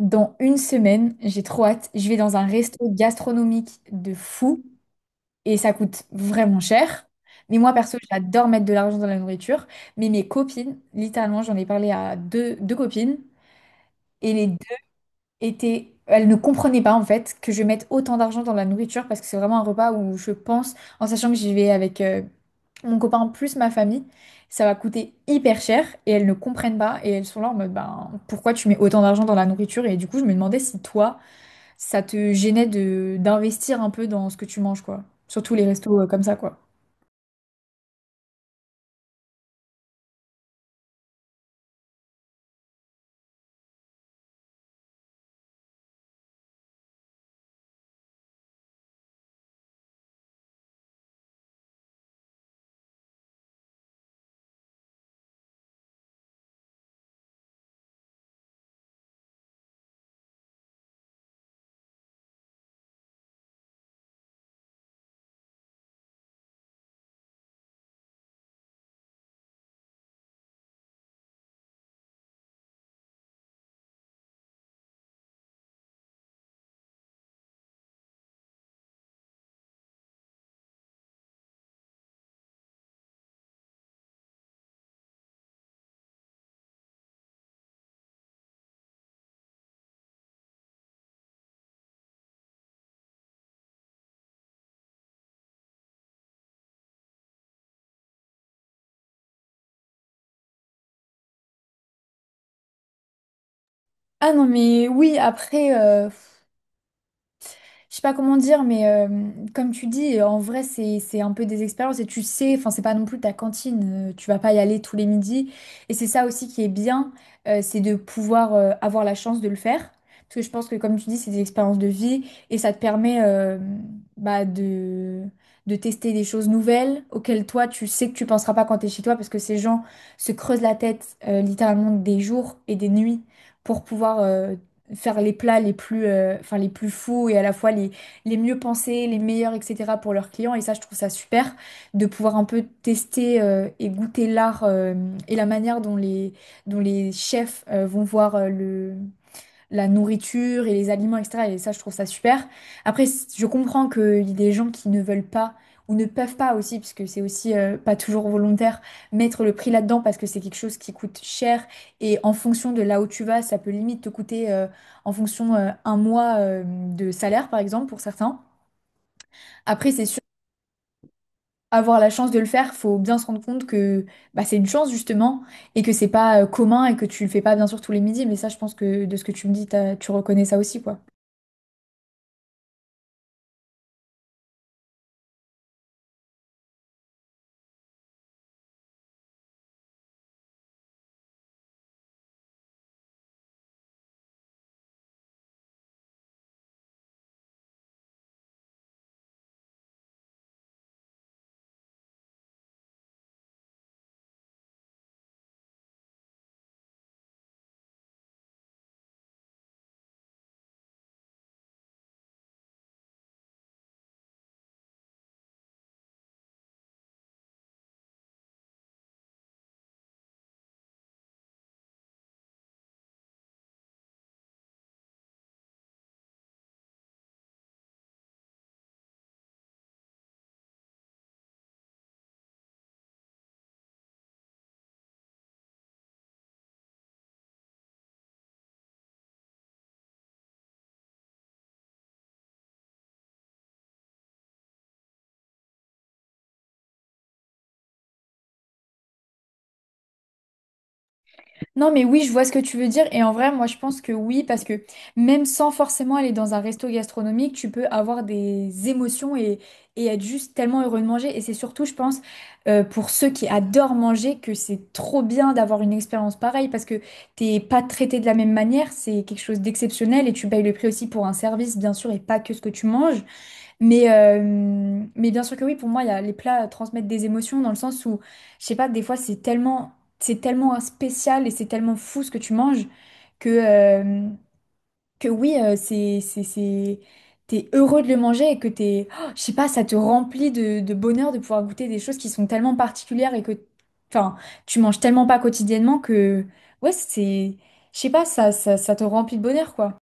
Dans une semaine, j'ai trop hâte. Je vais dans un resto gastronomique de fou et ça coûte vraiment cher. Mais moi, perso, j'adore mettre de l'argent dans la nourriture. Mais mes copines, littéralement, j'en ai parlé à deux copines et les deux étaient. Elles ne comprenaient pas en fait que je mette autant d'argent dans la nourriture parce que c'est vraiment un repas où je pense, en sachant que j'y vais avec mon copain plus ma famille, ça va coûter hyper cher et elles ne comprennent pas et elles sont là en mode ben pourquoi tu mets autant d'argent dans la nourriture et du coup je me demandais si toi ça te gênait de d'investir un peu dans ce que tu manges, quoi. Surtout les restos comme ça, quoi. Ah non, mais oui, après, je sais pas comment dire, mais comme tu dis, en vrai, c'est un peu des expériences et tu sais, enfin, c'est pas non plus ta cantine, tu vas pas y aller tous les midis. Et c'est ça aussi qui est bien, c'est de pouvoir avoir la chance de le faire. Parce que je pense que, comme tu dis, c'est des expériences de vie et ça te permet bah, de tester des choses nouvelles auxquelles toi, tu sais que tu penseras pas quand t'es chez toi parce que ces gens se creusent la tête littéralement des jours et des nuits pour pouvoir faire les plats les plus, enfin, les plus fous et à la fois les mieux pensés, les meilleurs, etc. pour leurs clients. Et ça, je trouve ça super de pouvoir un peu tester et goûter l'art et la manière dont les, dont les chefs vont voir le, la nourriture et les aliments, etc. Et ça, je trouve ça super. Après, je comprends qu'il y a des gens qui ne veulent pas ou ne peuvent pas aussi, puisque c'est aussi pas toujours volontaire, mettre le prix là-dedans parce que c'est quelque chose qui coûte cher. Et en fonction de là où tu vas, ça peut limite te coûter en fonction un mois de salaire, par exemple, pour certains. Après, c'est sûr. Avoir la chance de le faire, faut bien se rendre compte que bah, c'est une chance justement et que c'est pas commun et que tu le fais pas bien sûr tous les midis. Mais ça, je pense que de ce que tu me dis, tu reconnais ça aussi, quoi. Non, mais oui, je vois ce que tu veux dire. Et en vrai, moi, je pense que oui, parce que même sans forcément aller dans un resto gastronomique, tu peux avoir des émotions et être juste tellement heureux de manger. Et c'est surtout, je pense, pour ceux qui adorent manger, que c'est trop bien d'avoir une expérience pareille, parce que t'es pas traité de la même manière, c'est quelque chose d'exceptionnel et tu payes le prix aussi pour un service, bien sûr, et pas que ce que tu manges. Mais, euh, mais bien sûr que oui, pour moi, il y a, les plats transmettent des émotions dans le sens où, je sais pas, des fois, c'est tellement spécial et c'est tellement fou ce que tu manges que, euh, que oui, c'est, t'es heureux de le manger et que t'es, oh, je sais pas, ça te remplit de bonheur de pouvoir goûter des choses qui sont tellement particulières et que, enfin, tu manges tellement pas quotidiennement que, ouais, c'est, je sais pas, ça te remplit de bonheur, quoi.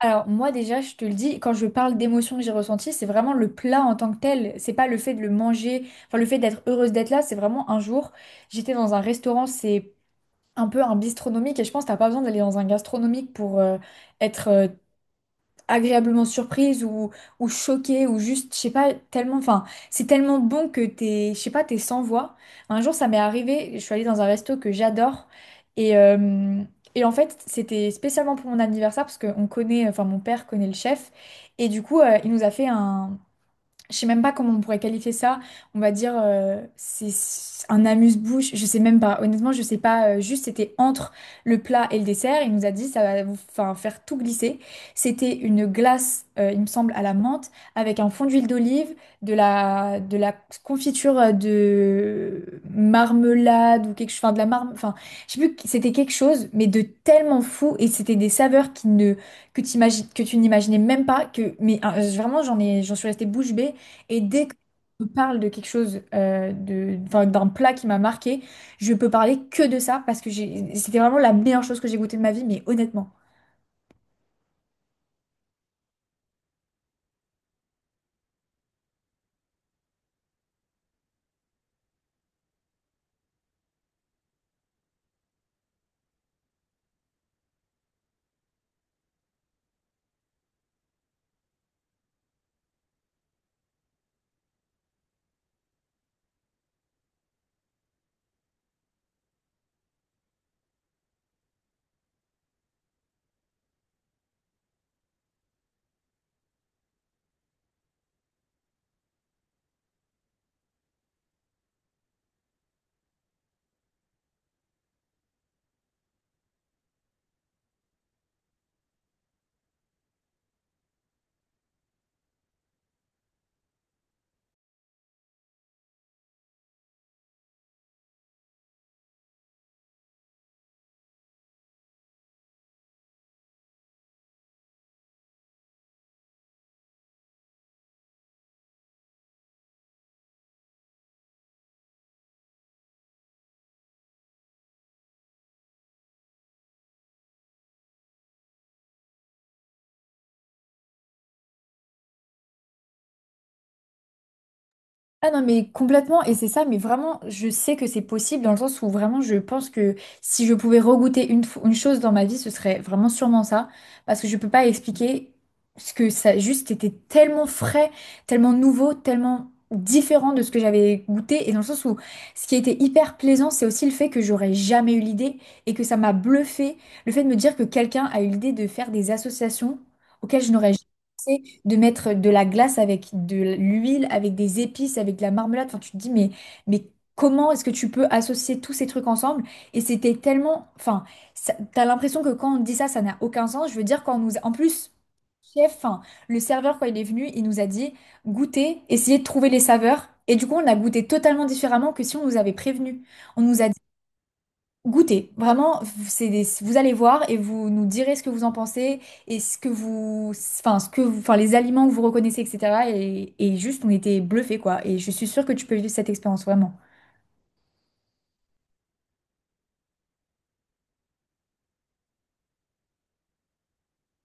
Alors moi déjà, je te le dis, quand je parle d'émotions que j'ai ressenties, c'est vraiment le plat en tant que tel. C'est pas le fait de le manger, enfin le fait d'être heureuse d'être là. C'est vraiment un jour, j'étais dans un restaurant, c'est un peu un bistronomique et je pense que t'as pas besoin d'aller dans un gastronomique pour être agréablement surprise ou choquée ou juste, je sais pas, tellement, enfin, c'est tellement bon que t'es, je sais pas, t'es sans voix. Un jour, ça m'est arrivé, je suis allée dans un resto que j'adore et, euh, et en fait, c'était spécialement pour mon anniversaire parce qu'on connaît, enfin, mon père connaît le chef et du coup, il nous a fait un, je sais même pas comment on pourrait qualifier ça. On va dire c'est un amuse-bouche. Je sais même pas. Honnêtement, je sais pas. Juste, c'était entre le plat et le dessert. Il nous a dit ça va vous enfin, faire tout glisser. C'était une glace, il me semble, à la menthe avec un fond d'huile d'olive, de la confiture de marmelade ou quelque chose. Enfin, de la marme. Enfin, je sais plus. C'était quelque chose, mais de tellement fou et c'était des saveurs qui ne que tu que tu n'imaginais même pas que. Mais vraiment, j'en suis restée bouche bée. Et dès que je parle de quelque chose, enfin, d'un plat qui m'a marqué, je peux parler que de ça parce que j'ai- c'était vraiment la meilleure chose que j'ai goûtée de ma vie, mais honnêtement. Ah non, mais complètement, et c'est ça, mais vraiment, je sais que c'est possible dans le sens où vraiment, je pense que si je pouvais regoûter une chose dans ma vie, ce serait vraiment sûrement ça, parce que je peux pas expliquer ce que ça juste était tellement frais, tellement nouveau, tellement différent de ce que j'avais goûté, et dans le sens où ce qui était hyper plaisant, c'est aussi le fait que j'aurais jamais eu l'idée, et que ça m'a bluffé, le fait de me dire que quelqu'un a eu l'idée de faire des associations auxquelles je n'aurais jamais pensé, de mettre de la glace avec de l'huile, avec des épices, avec de la marmelade. Enfin, tu te dis, mais comment est-ce que tu peux associer tous ces trucs ensemble? Et c'était tellement... Enfin, t'as l'impression que quand on dit ça, ça n'a aucun sens. Je veux dire, quand on nous... En plus, enfin, le serveur, quand il est venu, il nous a dit, goûtez, essayez de trouver les saveurs. Et du coup, on a goûté totalement différemment que si on nous avait prévenu. On nous a Goûtez, vraiment, c'est des- vous allez voir et vous nous direz ce que vous en pensez et ce que vous, enfin, les aliments que vous reconnaissez, etc. Et juste, on était bluffés, quoi. Et je suis sûre que tu peux vivre cette expérience, vraiment.